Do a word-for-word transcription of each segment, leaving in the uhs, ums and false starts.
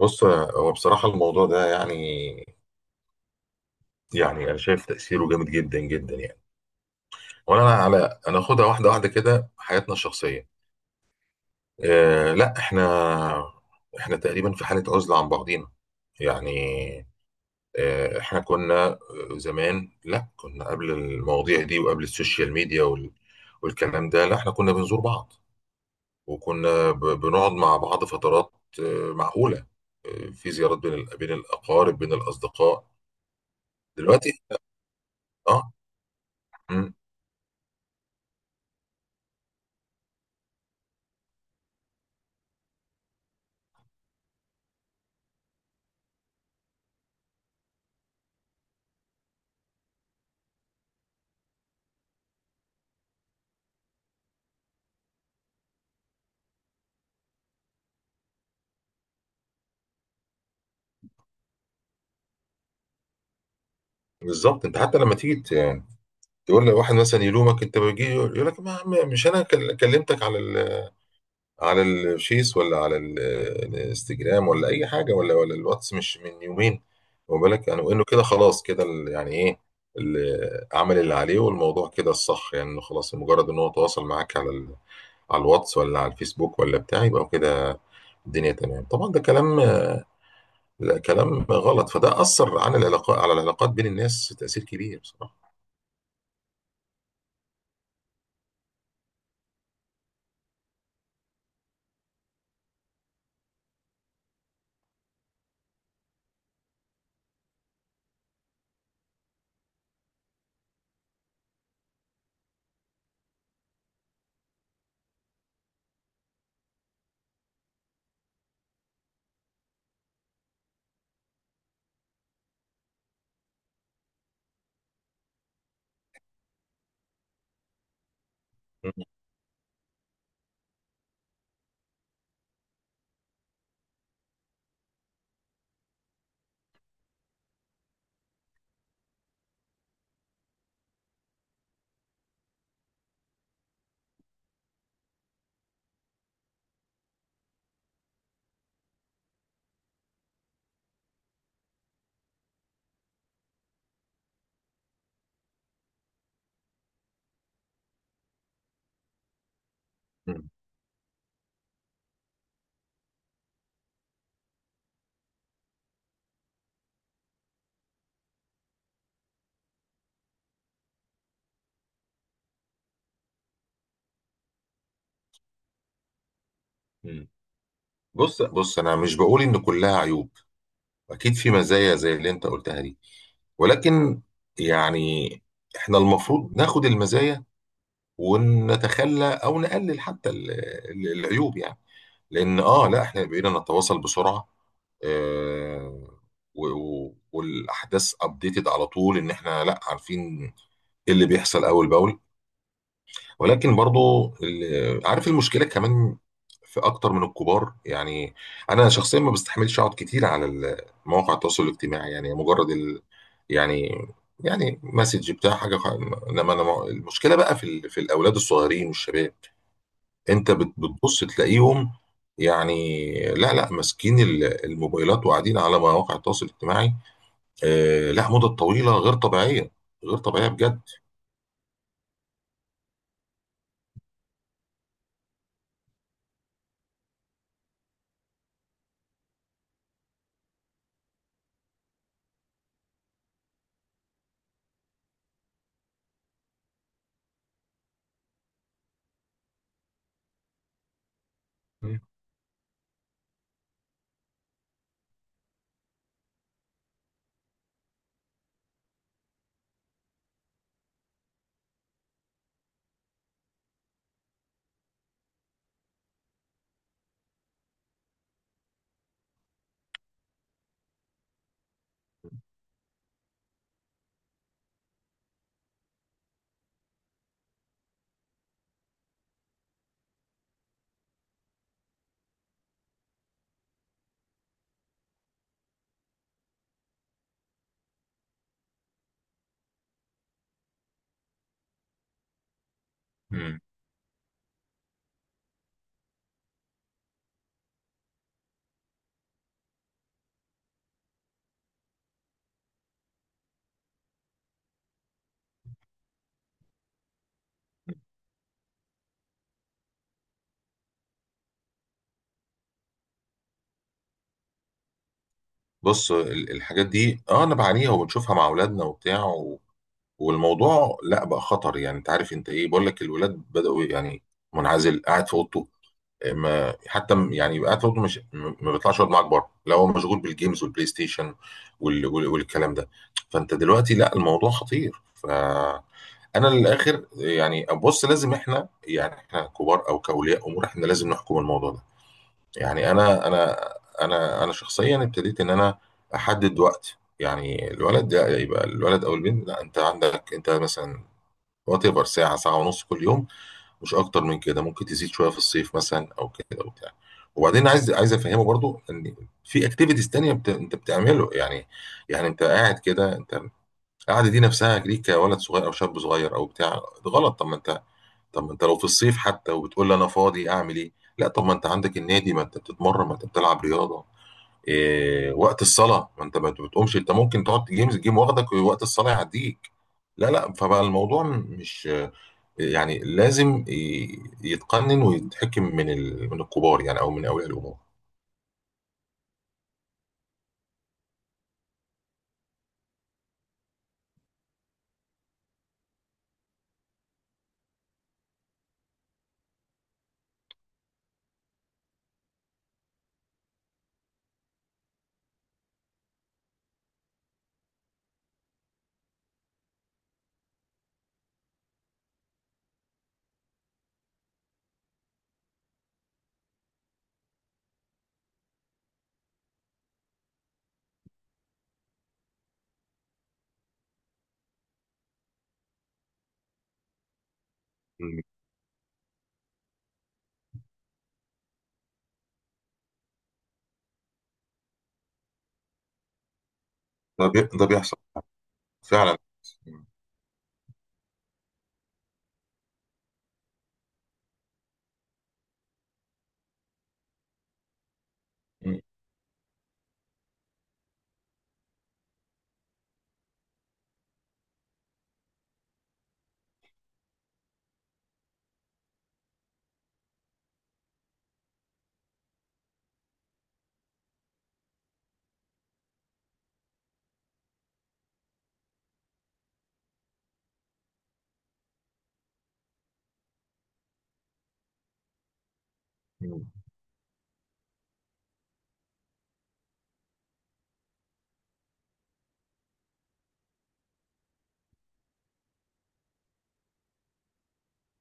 بص، هو بصراحة الموضوع ده يعني يعني أنا شايف تأثيره جامد جدا جدا يعني. وأنا على، أنا أخدها واحدة واحدة كده. حياتنا الشخصية، آه لا، إحنا إحنا تقريبا في حالة عزلة عن بعضينا، يعني. آه إحنا كنا، آه، زمان، لا، كنا قبل المواضيع دي وقبل السوشيال ميديا وال والكلام ده. لا، إحنا كنا بنزور بعض، وكنا ب- بنقعد مع بعض فترات. آه، معقولة. آه، في زيارات بين ال- بين الأقارب، بين الأصدقاء. دلوقتي. اه. مم. بالظبط، انت حتى لما تيجي ت- تقول لواحد مثلا يلومك، انت بيجي يقول يقول لك: ما ما- مش انا كل- كلمتك على ال على الفيس، ولا على ال- الانستجرام، ولا اي حاجه، ولا ولا الواتس، مش من يومين. واخد بالك يعني، وانه كده خلاص كده ال- يعني ايه، ال- عمل اللي عليه، والموضوع كده الصح، يعني انه خلاص مجرد ان هو تواصل معاك على ال- على الواتس، ولا على الفيسبوك، ولا بتاع، يبقى كده الدنيا تمام. طبعا ده كلام، لا، كلام غلط. فده اثر على العلاقات، على العلاقات بين الناس تاثير كبير بصراحه. مم. مم. بص بص، انا مش بقول ان كلها عيوب، اكيد في مزايا زي اللي انت قلتها دي، ولكن يعني احنا المفروض ناخد المزايا ونتخلى او نقلل حتى ال- ال- العيوب يعني. لان اه لا، احنا بقينا نتواصل بسرعة، آه، و- و- والاحداث ابديتد على طول، ان احنا لا عارفين ايه اللي بيحصل اول باول. ولكن برضو ال- عارف المشكله كمان في اكتر من الكبار يعني. انا شخصيا ما بستحملش اقعد كتير على ال- مواقع التواصل الاجتماعي، يعني مجرد ال... يعني، يعني مسج بتاع حاجه خ- انما انا، مع- المشكله بقى في ال... في الاولاد الصغيرين والشباب. انت بت... بتبص تلاقيهم، يعني لا لا ماسكين ال- الموبايلات وقاعدين على مواقع التواصل الاجتماعي. آه لا، مدة طويلة غير طبيعية، غير طبيعية بجد. مم. بص ال- الحاجات دي، اه انا بعانيها وبنشوفها مع اولادنا وبتاع و... والموضوع لا بقى خطر، يعني انت عارف انت ايه، بقول لك الولاد بدأوا يعني منعزل قاعد في اوضته. ما حتى م- يعني يبقى قاعد في اوضته، مش م- ما بيطلعش يقعد معاك بره، لو هو مشغول بالجيمز والبلاي ستيشن وال... وال... والكلام ده. فانت دلوقتي، لا، الموضوع خطير فانا للاخر يعني. بص لازم احنا، يعني احنا كبار او كاولياء امور احنا لازم نحكم الموضوع ده، يعني انا انا انا انا شخصيا ابتديت ان انا احدد وقت، يعني الولد ده يبقى الولد او البنت، لا، انت عندك انت مثلا وات ايفر ساعه، ساعه ونص كل يوم، مش اكتر من كده. ممكن تزيد شويه في الصيف مثلا او كده وبتاع. وبعدين عايز عايز افهمه برضو ان في اكتيفيتيز تانية بت... انت بتعمله، يعني. يعني انت قاعد كده، انت القعده دي نفسها ليك كولد صغير او شاب صغير او بتاع، غلط. طب ما انت طب ما انت لو في الصيف حتى، وبتقول لي: انا فاضي اعمل ايه. لا، طب ما انت عندك النادي، ما انت بتتمرن، ما انت بتلعب رياضه. إيه وقت الصلاه؟ ما انت ما بتقومش، انت ممكن تقعد جيمز الجيم واخدك ووقت الصلاه يعديك. لا لا، فبقى الموضوع مش يعني، لازم ي- يتقنن ويتحكم من ال... من الكبار يعني، او من اولياء الامور. مم. ده بي... ده بيحصل فعلا. مم. مم.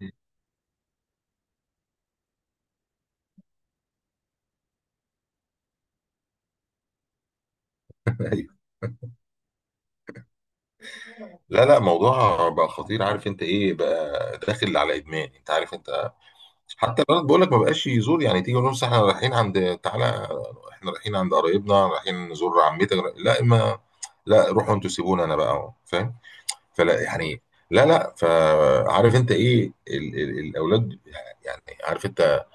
مم. ايوه. لا لا، موضوع بقى خطير، عارف انت ايه؟ بقى داخل على ادمان انت، عارف انت. حتى الولد بقول لك ما بقاش يزور، يعني تيجي نقول لهم احنا رايحين عند، تعالى احنا رايحين عند قرايبنا، رايحين نزور عمتك. لا، ما لا، روحوا انتوا سيبونا انا بقى فاهم. فلا يعني، لا لا، فعارف انت ايه ال ال الاولاد، يعني عارف انت،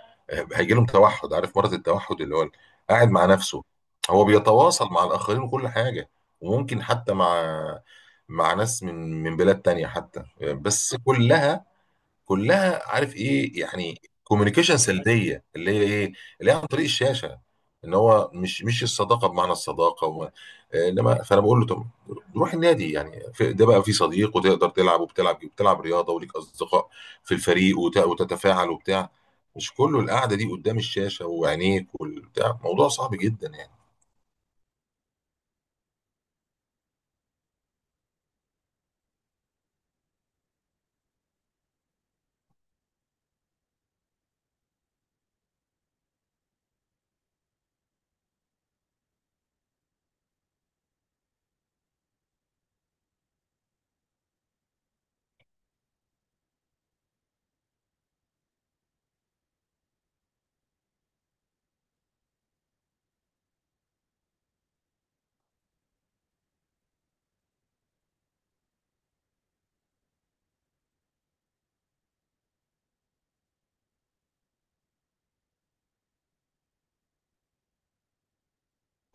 هيجي لهم توحد، عارف مرض التوحد اللي هو قاعد مع نفسه. هو بيتواصل مع الاخرين وكل حاجه، وممكن حتى مع مع ناس من من بلاد تانية حتى، بس كلها كلها عارف ايه، يعني كوميونيكيشن سلبيه اللي هي ايه، اللي هي عن طريق الشاشه. ان هو مش مش الصداقه بمعنى الصداقه وما، آه، انما فانا بقول له: طب روح النادي يعني، في- ده بقى في صديق وتقدر تلعب، وبتلعب، بتلعب رياضه وليك اصدقاء في الفريق وت- وتتفاعل وبتاع. مش كله القعده دي قدام الشاشه وعينيك والبتاع، موضوع صعب جدا يعني.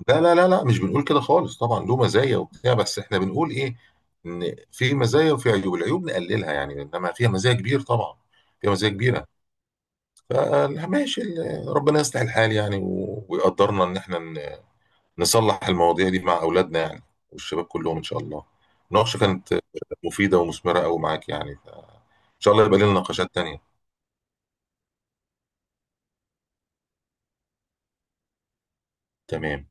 لا لا لا لا، مش بنقول كده خالص، طبعا له مزايا وبتاع، بس احنا بنقول ايه، ان في مزايا وفي عيوب، العيوب نقللها يعني، انما فيها مزايا كبير طبعا، فيها مزايا كبيره. فماشي، ربنا يصلح الحال يعني، و- ويقدرنا ان احنا ن- نصلح المواضيع دي مع اولادنا يعني، والشباب كلهم ان شاء الله. المناقشه كانت مفيده ومثمره قوي معاك، يعني فان شاء الله يبقى لنا نقاشات تانيه. تمام.